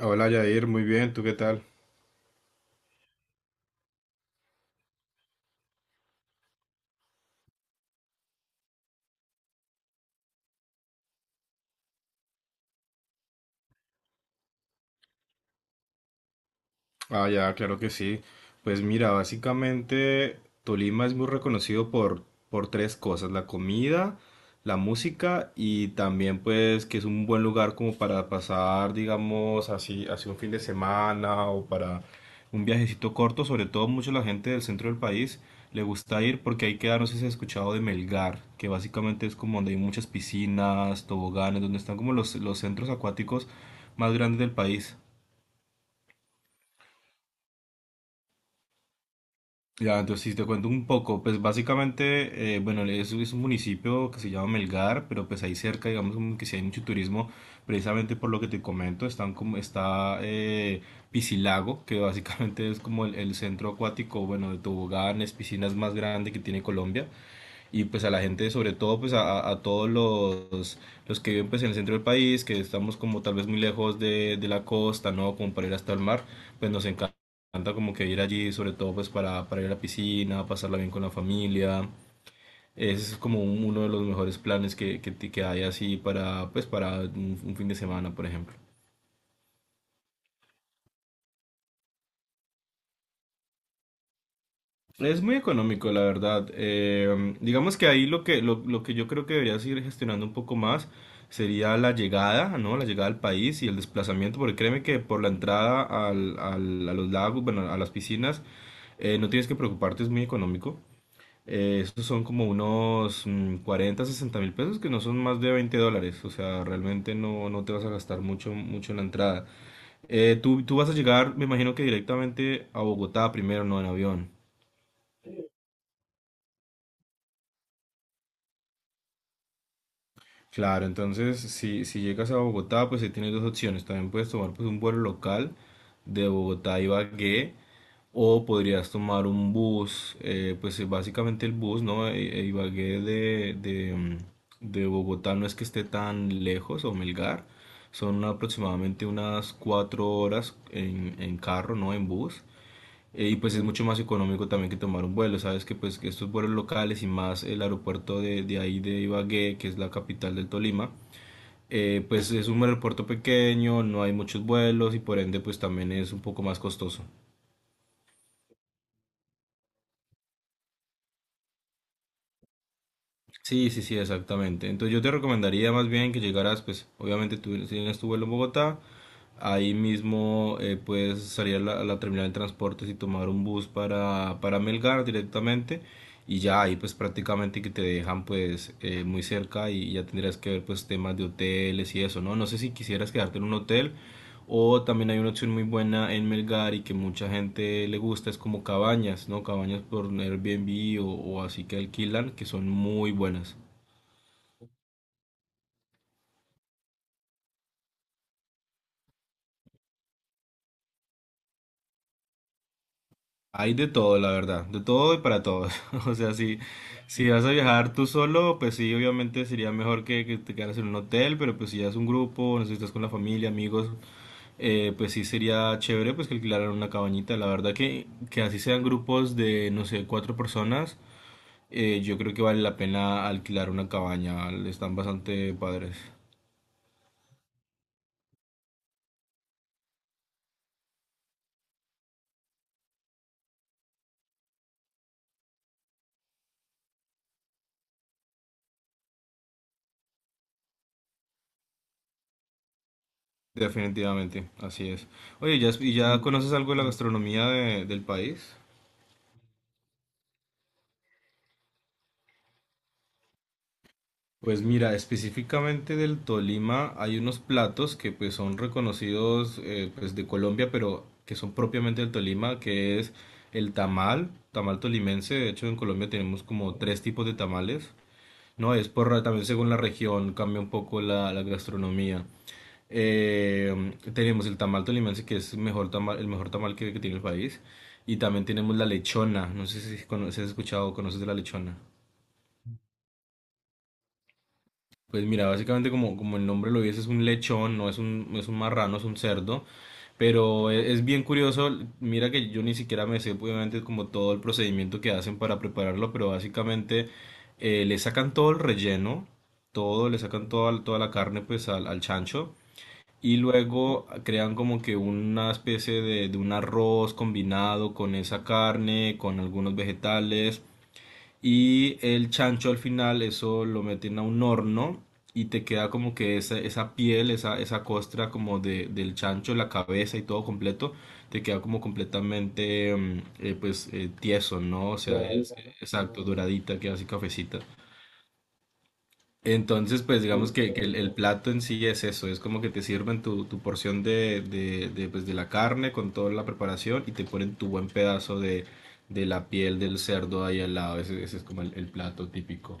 Hola Yair, muy bien, ¿tú qué tal? Ah, ya, claro que sí. Pues mira, básicamente Tolima es muy reconocido por tres cosas, la comida, la música y también pues que es un buen lugar como para pasar, digamos, así, así un fin de semana o para un viajecito corto, sobre todo mucho la gente del centro del país le gusta ir porque ahí queda, no sé si has escuchado de Melgar, que básicamente es como donde hay muchas piscinas, toboganes, donde están como los centros acuáticos más grandes del país. Ya, entonces si te cuento un poco, pues básicamente, bueno, es un municipio que se llama Melgar, pero pues ahí cerca, digamos, como que si hay mucho turismo, precisamente por lo que te comento, están como, está Piscilago, que básicamente es como el centro acuático, bueno, de toboganes, piscinas más grande que tiene Colombia, y pues a la gente, sobre todo pues a todos los, que viven pues en el centro del país, que estamos como tal vez muy lejos de la costa, ¿no? Como para ir hasta el mar, pues nos encanta como que ir allí, sobre todo pues para ir a la piscina, pasarla bien con la familia. Es como un, uno de los mejores planes que hay así para, pues, para un fin de semana, por ejemplo. Es muy económico, la verdad. Digamos que ahí lo que yo creo que debería seguir gestionando un poco más sería la llegada, ¿no? La llegada al país y el desplazamiento, porque créeme que por la entrada a los lagos, bueno, a las piscinas, no tienes que preocuparte, es muy económico. Estos son como unos 40, 60 mil pesos, que no son más de 20 dólares, o sea, realmente no te vas a gastar mucho, mucho en la entrada. Tú vas a llegar, me imagino que directamente a Bogotá primero, no en avión. Claro, entonces si llegas a Bogotá, pues ahí tienes dos opciones. También puedes tomar pues un vuelo local de Bogotá a Ibagué, o podrías tomar un bus, pues básicamente el bus, ¿no? Ibagué de Bogotá no es que esté tan lejos o Melgar, son aproximadamente unas 4 horas en carro, ¿no? En bus. Y pues es mucho más económico también que tomar un vuelo, sabes que pues que estos vuelos locales, y más el aeropuerto de ahí de Ibagué, que es la capital del Tolima, pues es un aeropuerto pequeño, no hay muchos vuelos y por ende pues también es un poco más costoso. Sí, sí, sí, exactamente. Entonces yo te recomendaría más bien que llegaras, pues obviamente tú si tienes tu vuelo en Bogotá, ahí mismo puedes salir a a la terminal de transportes y tomar un bus para Melgar directamente, y ya ahí pues prácticamente que te dejan pues muy cerca, y ya tendrías que ver pues temas de hoteles y eso, ¿no? No sé si quisieras quedarte en un hotel o también hay una opción muy buena en Melgar y que mucha gente le gusta, es como cabañas, ¿no? Cabañas por Airbnb, o así que alquilan, que son muy buenas. Hay de todo, la verdad, de todo y para todos. O sea, si vas a viajar tú solo, pues sí, obviamente sería mejor que te quedaras en un hotel, pero pues si ya es un grupo, no sé si estás con la familia, amigos, pues sí sería chévere pues que alquilaran una cabañita. La verdad que así sean grupos de, no sé, cuatro personas. Yo creo que vale la pena alquilar una cabaña, están bastante padres. Definitivamente, así es. Oye, ¿ya, y ya conoces algo de la gastronomía de- del país? Pues mira, específicamente del Tolima hay unos platos que pues son reconocidos pues de Colombia, pero que son propiamente del Tolima, que es el tamal tolimense. De hecho, en Colombia tenemos como tres tipos de tamales. No, es también según la región cambia un poco la gastronomía. Eh, Tenemos el tamal tolimense, que es el mejor tamal que tiene el país. Y también tenemos la lechona. No sé si has escuchado o conoces de la lechona. Pues mira, básicamente como el nombre lo dice, es un lechón, no es un, no es un marrano, es un cerdo. Pero es bien curioso, mira que yo ni siquiera me sé obviamente como todo el procedimiento que hacen para prepararlo, pero básicamente le sacan todo el relleno, todo, le sacan toda, la carne pues al chancho. Y luego crean como que una especie de un arroz combinado con esa carne, con algunos vegetales. Y el chancho al final, eso lo meten a un horno, y te queda como que esa, piel, esa costra como del chancho, la cabeza y todo completo, te queda como completamente pues tieso, ¿no? O sea, doradita, exacto, doradita, queda así cafecita. Entonces, pues digamos que el plato en sí es eso, es como que te sirven tu porción de la carne con toda la preparación, y te ponen tu buen pedazo de la piel del cerdo ahí al lado, ese, es como el plato típico.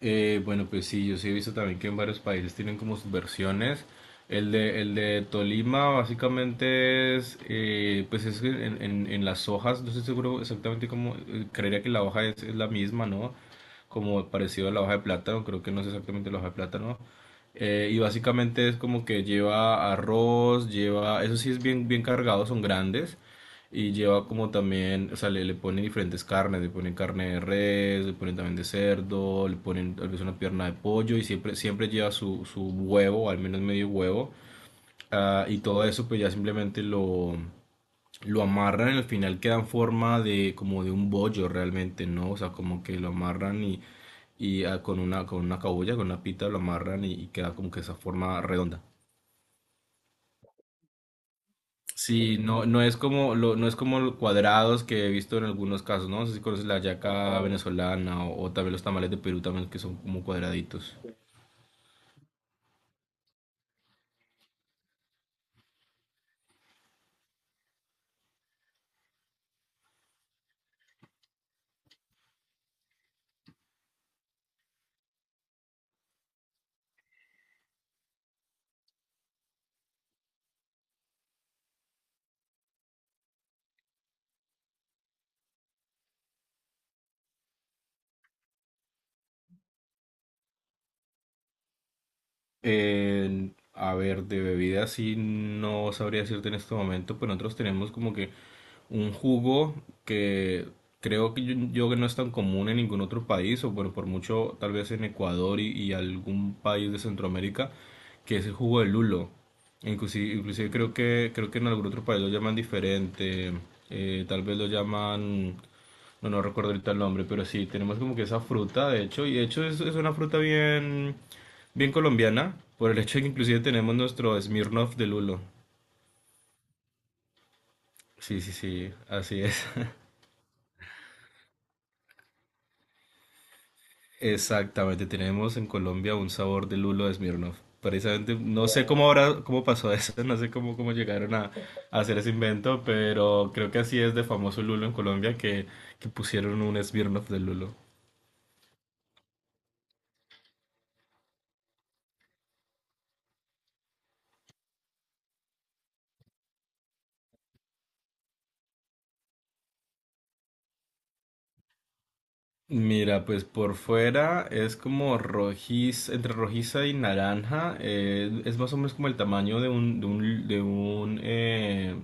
Bueno, pues sí, yo sí he visto también que en varios países tienen como sus versiones. El de Tolima básicamente es que en, en las hojas, no estoy seguro exactamente cómo, creería que la hoja es la misma, ¿no? Como parecido a la hoja de plátano, creo que no es exactamente la hoja de plátano. Y básicamente es como que lleva arroz, eso sí es bien, bien cargado, son grandes. Y lleva como también, o sea, le, pone diferentes carnes, le ponen carne de res, le ponen también de cerdo, le ponen tal vez una pierna de pollo, y siempre, siempre lleva su, huevo, al menos medio huevo. Ah, y todo eso pues ya simplemente lo amarran, y al final queda en forma de como de un bollo realmente, ¿no? O sea, como que lo amarran y con con una cabulla, con una pita lo amarran y queda como que esa forma redonda. Sí, no, no es como los cuadrados que he visto en algunos casos, ¿no? No sé si conoces la yaca venezolana, o también los tamales de Perú también, que son como cuadraditos. A ver, de bebida sí no sabría decirte en este momento, pero nosotros tenemos como que un jugo que creo que yo, que no es tan común en ningún otro país, o bueno, por mucho tal vez en Ecuador y, algún país de Centroamérica, que es el jugo de lulo. Inclusive creo que en algún otro país lo llaman diferente, tal vez lo llaman... No, no recuerdo ahorita el nombre, pero sí, tenemos como que esa fruta, de hecho, y de hecho es una fruta bien colombiana, por el hecho de que inclusive tenemos nuestro Smirnoff de lulo. Sí, sí, sí, así es. Exactamente, tenemos en Colombia un sabor de lulo de Smirnoff. Precisamente, no sé cómo ahora, cómo pasó eso, no sé cómo, llegaron a hacer ese invento, pero creo que así es de famoso lulo en Colombia que pusieron un Smirnoff de lulo. Mira, pues por fuera es como entre rojiza y naranja, es más o menos como el tamaño de un, eh,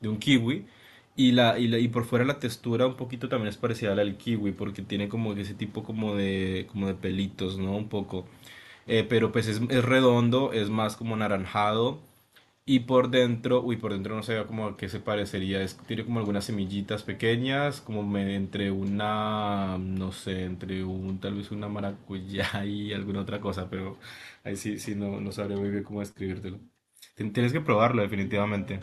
de un kiwi. Y por fuera la textura un poquito también es parecida a la del kiwi, porque tiene como ese tipo como de, pelitos, ¿no? Un poco. Pero pues es redondo, es más como anaranjado. Y por dentro, uy, por dentro no sé como a qué se parecería. Tiene como algunas semillitas pequeñas, no sé, tal vez una maracuyá y alguna otra cosa, pero ahí sí, sí, no sabré muy bien cómo describírtelo. Tienes que probarlo, definitivamente.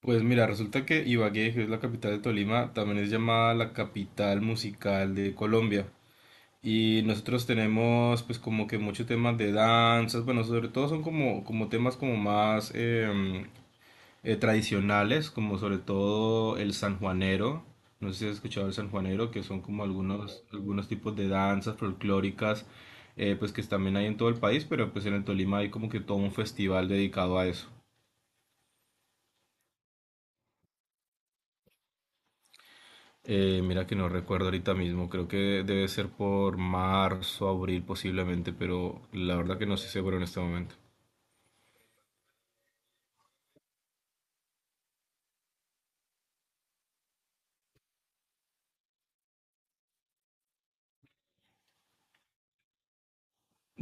Pues mira, resulta que Ibagué, que es la capital de Tolima, también es llamada la capital musical de Colombia. Y nosotros tenemos pues como que muchos temas de danzas, bueno, sobre todo son como temas como más, tradicionales, como sobre todo el sanjuanero. No sé si has escuchado el sanjuanero, que son como algunos, tipos de danzas folclóricas, pues que también hay en todo el país, pero pues en el Tolima hay como que todo un festival dedicado a eso. Mira que no recuerdo ahorita mismo, creo que debe ser por marzo, abril posiblemente, pero la verdad que no estoy seguro en este momento.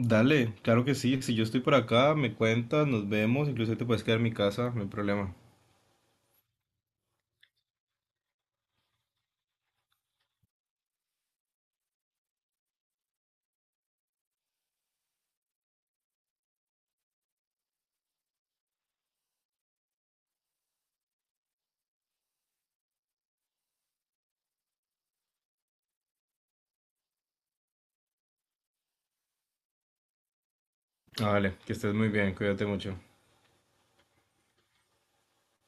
Dale, claro que sí, si yo estoy por acá, me cuentas, nos vemos, incluso te puedes quedar en mi casa, no hay problema. Vale, que estés muy bien, cuídate mucho.